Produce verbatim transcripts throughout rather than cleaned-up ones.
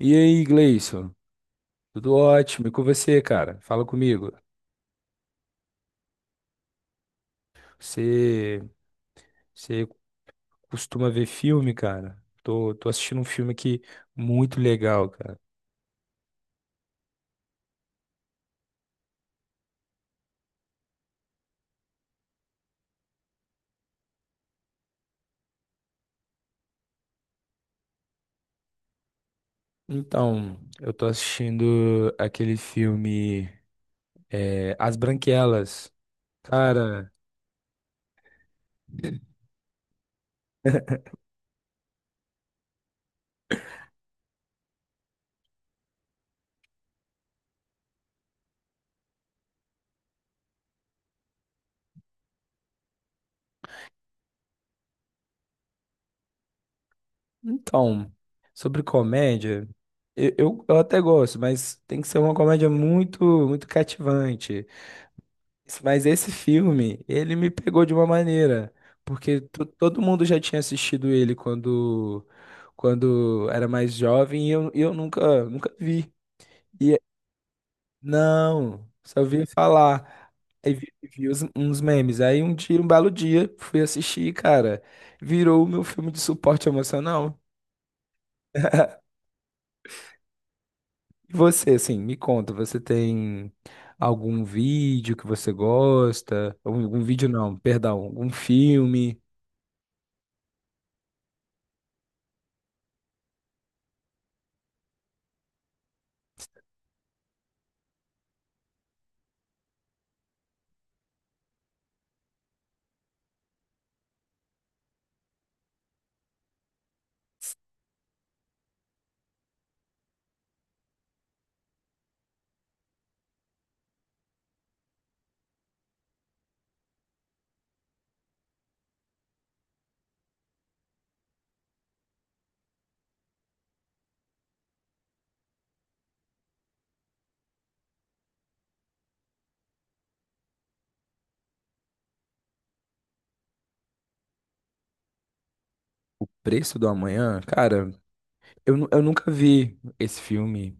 E aí, Gleison? Tudo ótimo? E com você, cara? Fala comigo. Você, você costuma ver filme, cara? Tô, tô assistindo um filme aqui muito legal, cara. Então, eu tô assistindo aquele filme é, As Branquelas. Cara, então, sobre comédia, eu, eu, eu até gosto, mas tem que ser uma comédia muito, muito cativante. Mas esse filme, ele me pegou de uma maneira, porque to- todo mundo já tinha assistido ele quando quando era mais jovem e eu, e eu nunca nunca vi. E não, só vi falar. Aí vi, vi os- uns memes. Aí um dia, um belo dia, fui assistir, cara, virou o meu filme de suporte emocional. E você, assim, me conta, você tem algum vídeo que você gosta? Algum, algum vídeo não, perdão, algum filme? Preço do Amanhã? Cara, eu, nu- eu nunca vi esse filme.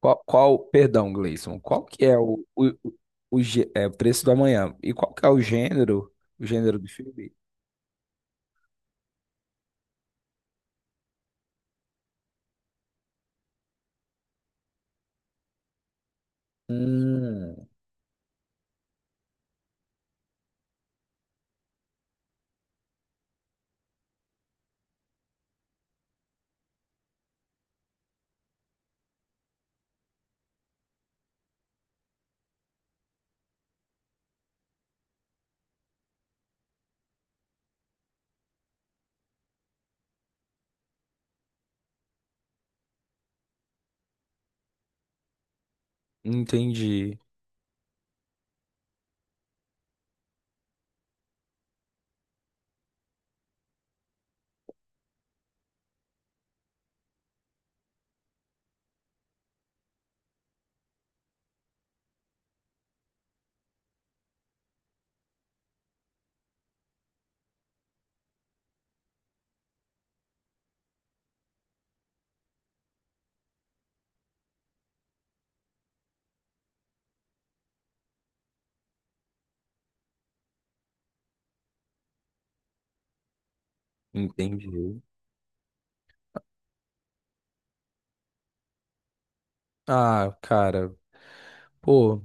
Qual, qual, perdão, Gleison, qual que é o, o, o, o gê- é, Preço do Amanhã? E qual que é o gênero, o gênero do filme? Hum, entendi, entendi. Ah, cara, pô,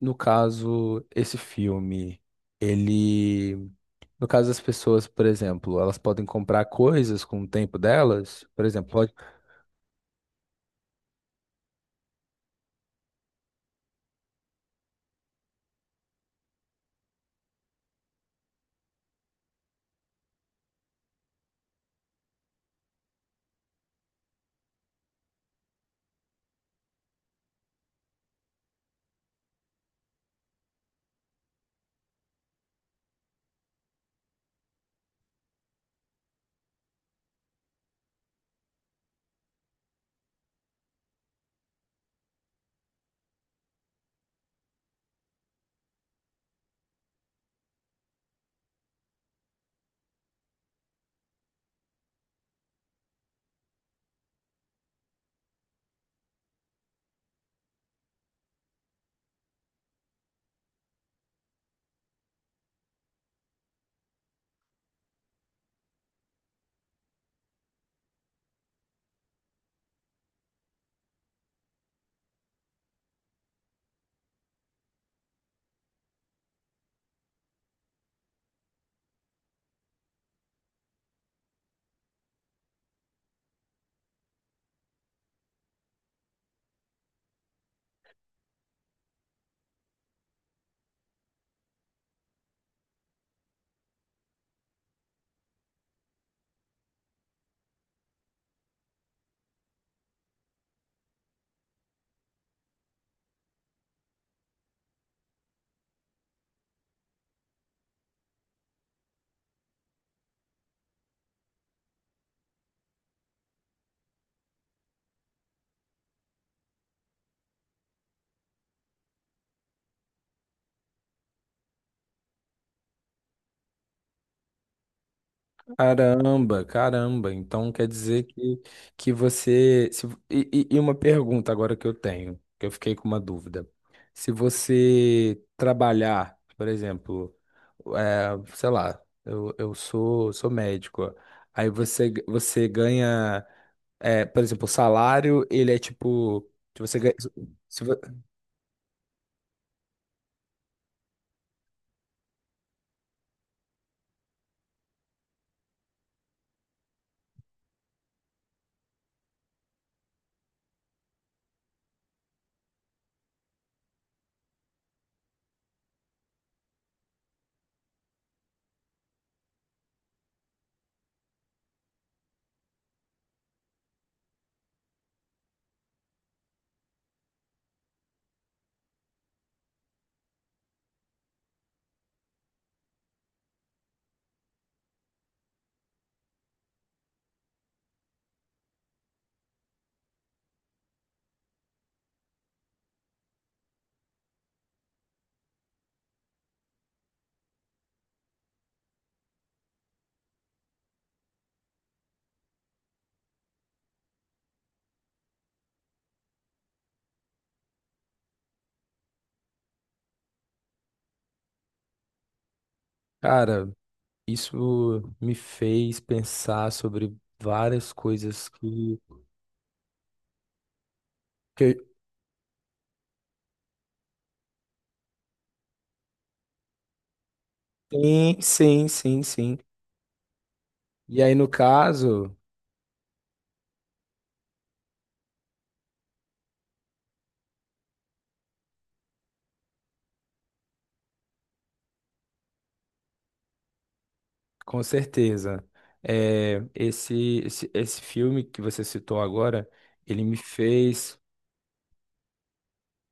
no caso, esse filme, ele, no caso das pessoas, por exemplo, elas podem comprar coisas com o tempo delas, por exemplo, pode. Caramba, caramba. Então quer dizer que, que você. Se- e, e e uma pergunta agora que eu tenho, que eu fiquei com uma dúvida. Se você trabalhar, por exemplo, eh, sei lá, eu, eu sou, sou médico, aí você, você ganha, eh, por exemplo, o salário, ele é tipo. Se você ganha, se vo- cara, isso me fez pensar sobre várias coisas que. Que Sim, sim, sim, sim. E aí, no caso, com certeza, é, esse, esse, esse filme que você citou agora, ele me fez,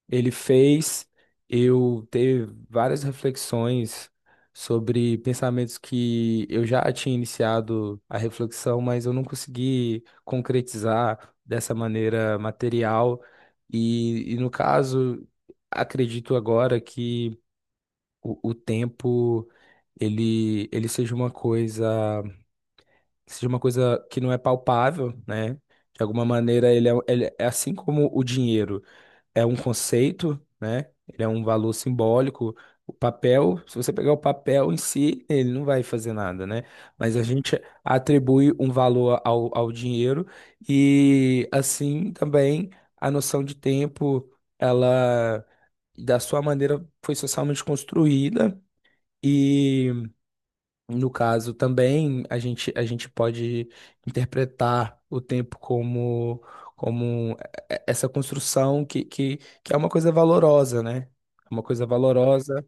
ele fez eu ter várias reflexões sobre pensamentos que eu já tinha iniciado a reflexão, mas eu não consegui concretizar dessa maneira material. E, e no caso, acredito agora que o, o tempo ele ele seja uma coisa, seja uma coisa que não é palpável, né? De alguma maneira ele é, ele é assim como o dinheiro é um conceito, né? Ele é um valor simbólico. O papel, se você pegar o papel em si, ele não vai fazer nada, né? Mas a gente atribui um valor ao, ao dinheiro e assim também a noção de tempo, ela da sua maneira foi socialmente construída e no caso também a gente, a gente pode interpretar o tempo como, como e- e- essa construção que, que, que é uma coisa valorosa, né? É uma coisa valorosa.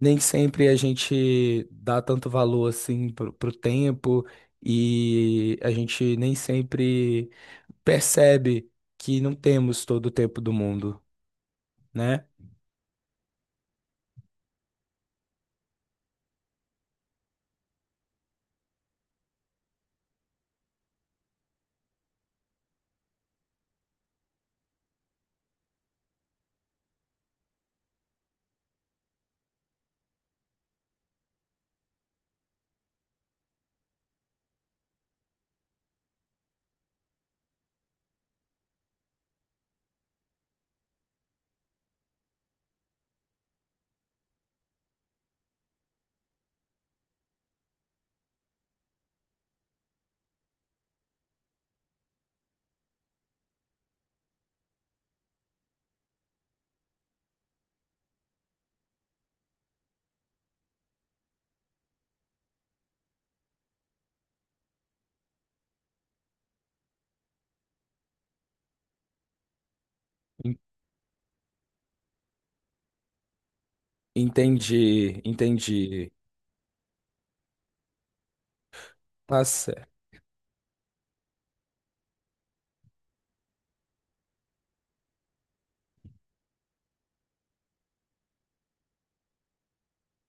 Nem sempre a gente dá tanto valor assim pro, pro tempo e a gente nem sempre percebe que não temos todo o tempo do mundo, né? En- Entendi, entendi. Tá.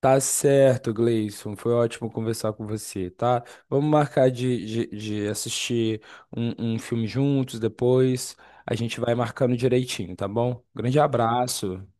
Tá certo, Gleison. Foi ótimo conversar com você, tá? Vamos marcar de, de, de assistir um, um filme juntos depois. A gente vai marcando direitinho, tá bom? Grande abraço.